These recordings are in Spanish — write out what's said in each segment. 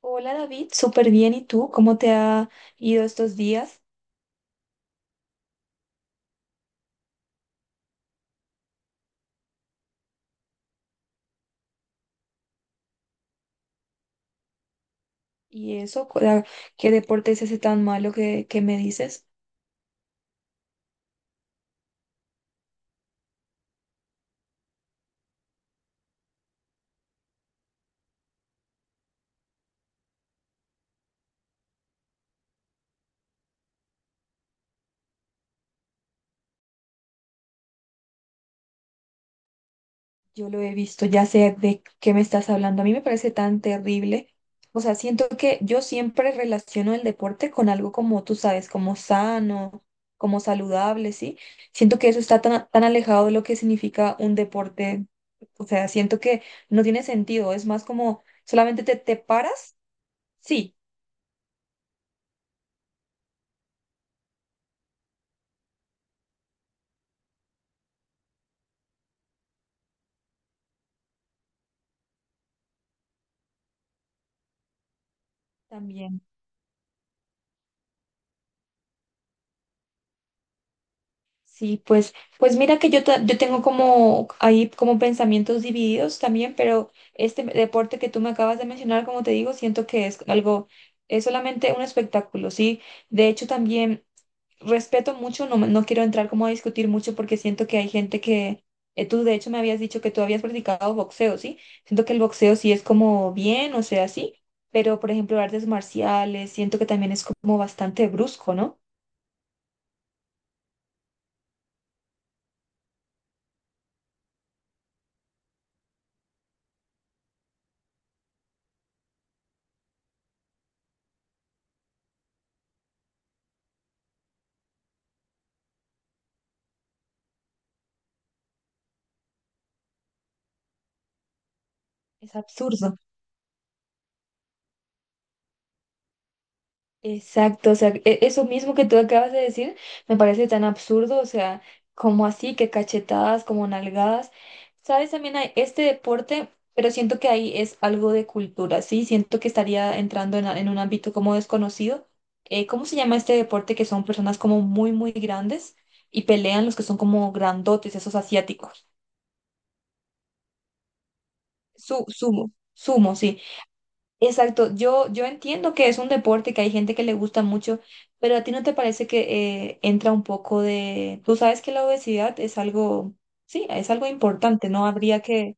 Hola David, súper bien. ¿Y tú? ¿Cómo te ha ido estos días? ¿Y eso? ¿Qué deporte es ese tan malo que me dices? Yo lo he visto, ya sé de qué me estás hablando. A mí me parece tan terrible. O sea, siento que yo siempre relaciono el deporte con algo como tú sabes, como sano, como saludable, ¿sí? Siento que eso está tan, tan alejado de lo que significa un deporte. O sea, siento que no tiene sentido. Es más como solamente te paras, sí, también. Sí, pues, pues mira que yo, yo tengo como ahí como pensamientos divididos también, pero este deporte que tú me acabas de mencionar, como te digo, siento que es algo, es solamente un espectáculo, ¿sí? De hecho, también respeto mucho, no, no quiero entrar como a discutir mucho porque siento que hay gente que, tú de hecho me habías dicho que tú habías practicado boxeo, ¿sí? Siento que el boxeo sí es como bien, o sea, sí, pero por ejemplo, artes marciales, siento que también es como bastante brusco, ¿no? Es absurdo. Exacto, o sea, eso mismo que tú acabas de decir me parece tan absurdo, o sea, como así, que cachetadas, como nalgadas. Sabes, también hay este deporte, pero siento que ahí es algo de cultura, ¿sí? Siento que estaría entrando en, en un ámbito como desconocido. ¿Cómo se llama este deporte que son personas como muy, muy grandes y pelean los que son como grandotes, esos asiáticos? Sumo, sumo, sí. Exacto, yo entiendo que es un deporte que hay gente que le gusta mucho, pero a ti no te parece que entra un poco de... Tú sabes que la obesidad es algo, sí, es algo importante, no habría que...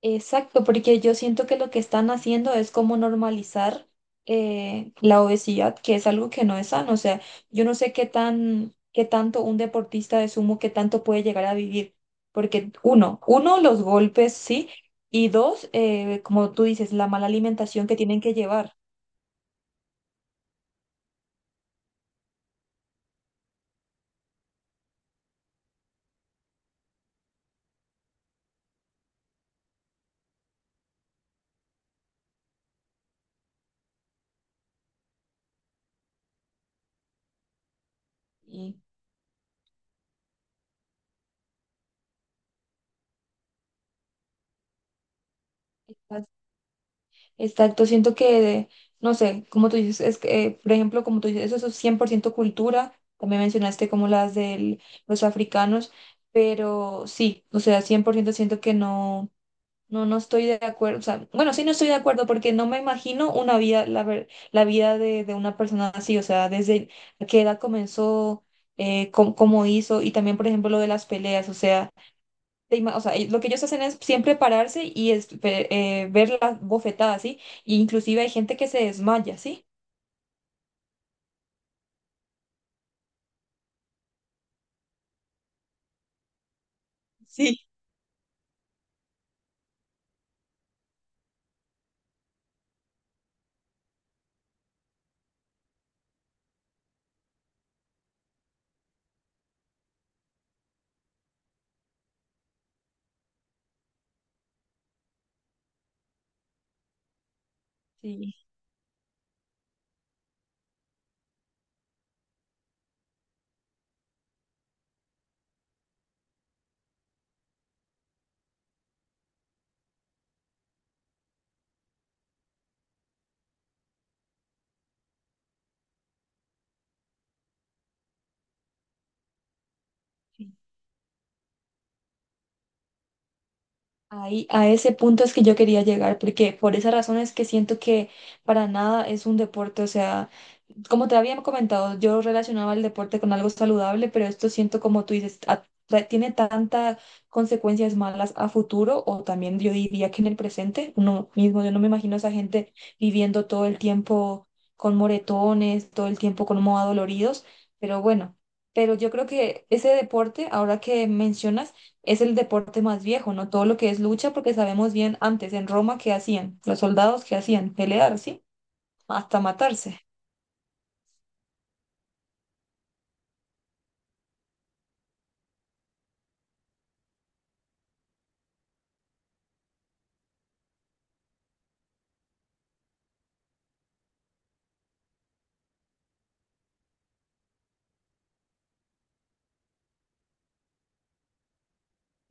Exacto, porque yo siento que lo que están haciendo es como normalizar la obesidad, que es algo que no es sano. O sea, yo no sé qué tan, qué tanto un deportista de sumo, qué tanto puede llegar a vivir. Porque uno, los golpes, sí, y dos, como tú dices, la mala alimentación que tienen que llevar. Y Exacto, siento que, no sé, como tú dices, es que, por ejemplo, como tú dices, eso es 100% cultura, también mencionaste como las de los africanos, pero sí, o sea, 100% siento que no, no, no estoy de acuerdo, o sea, bueno, sí no estoy de acuerdo porque no me imagino una vida, la vida de una persona así, o sea, desde qué edad comenzó, cómo, cómo hizo, y también, por ejemplo, lo de las peleas, o sea O sea, lo que ellos hacen es siempre pararse y ver las bofetadas, ¿sí? Y inclusive hay gente que se desmaya, ¿sí? Sí. Sí, ahí a ese punto es que yo quería llegar, porque por esa razón es que siento que para nada es un deporte, o sea... Como te había comentado, yo relacionaba el deporte con algo saludable, pero esto siento como tú dices, tiene tantas consecuencias malas a futuro o también yo diría que en el presente, uno mismo, yo no me imagino a esa gente viviendo todo el tiempo con moretones, todo el tiempo como adoloridos, pero bueno, pero yo creo que ese deporte, ahora que mencionas, es el deporte más viejo, ¿no? Todo lo que es lucha, porque sabemos bien antes en Roma qué hacían, los soldados qué hacían, pelear, ¿sí? Hasta matarse.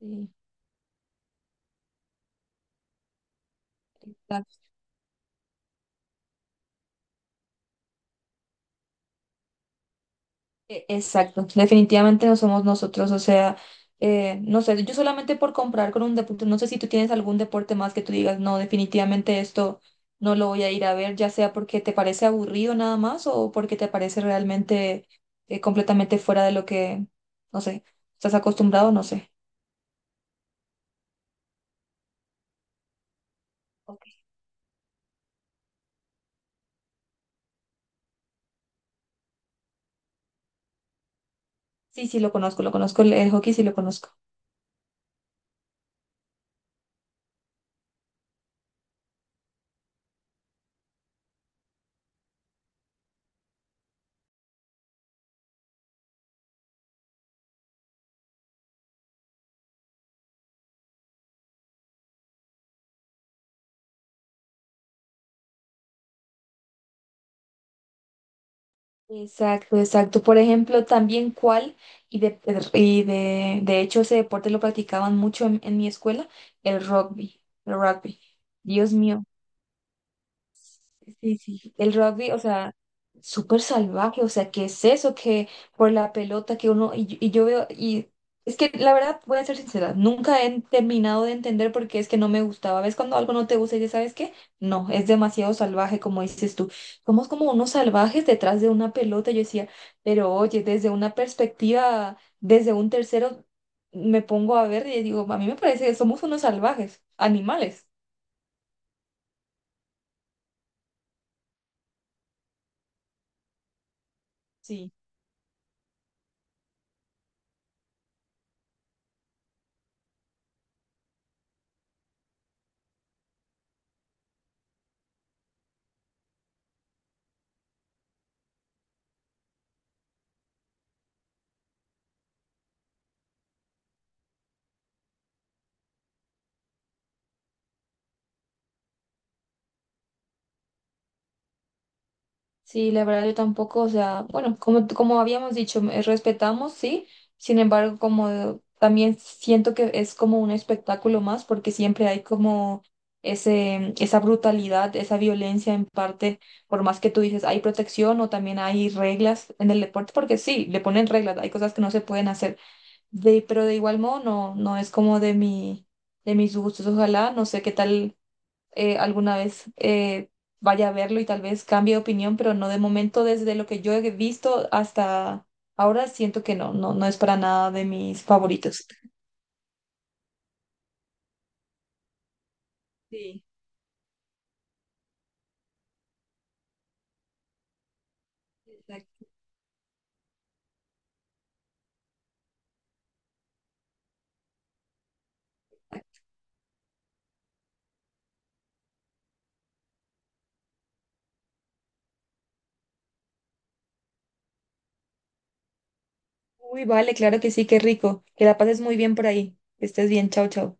Sí. Exacto, definitivamente no somos nosotros, o sea, no sé, yo solamente por comprar con un deporte, no sé si tú tienes algún deporte más que tú digas, no, definitivamente esto no lo voy a ir a ver, ya sea porque te parece aburrido nada más o porque te parece realmente completamente fuera de lo que, no sé, estás acostumbrado, no sé. Ok. Sí, sí, lo conozco, el hockey sí lo conozco. Exacto, exacto. Por ejemplo, también cuál, y de, y de hecho ese deporte lo practicaban mucho en mi escuela, el rugby, el rugby. Dios mío, sí, sí. El rugby, o sea, súper salvaje, o sea, ¿qué es eso? Que por la pelota que uno, y yo veo, y es que la verdad, voy a ser sincera, nunca he terminado de entender por qué es que no me gustaba. ¿Ves cuando algo no te gusta y ya sabes qué? No, es demasiado salvaje, como dices tú. Somos como unos salvajes detrás de una pelota, yo decía, pero oye, desde una perspectiva, desde un tercero, me pongo a ver y digo, a mí me parece que somos unos salvajes, animales. Sí. Sí, la verdad yo tampoco, o sea, bueno, como, como habíamos dicho, respetamos, sí, sin embargo, como también siento que es como un espectáculo más, porque siempre hay como ese, esa brutalidad, esa violencia en parte, por más que tú dices, hay protección o también hay reglas en el deporte, porque sí, le ponen reglas, hay cosas que no se pueden hacer, de, pero de igual modo no, no es como de mi, de mis gustos, ojalá, no sé qué tal alguna vez vaya a verlo y tal vez cambie de opinión, pero no de momento, desde lo que yo he visto hasta ahora, siento que no, no, no es para nada de mis favoritos. Sí. Exacto. Uy, vale, claro que sí, qué rico. Que la pases muy bien por ahí. Que estés bien, chao, chao.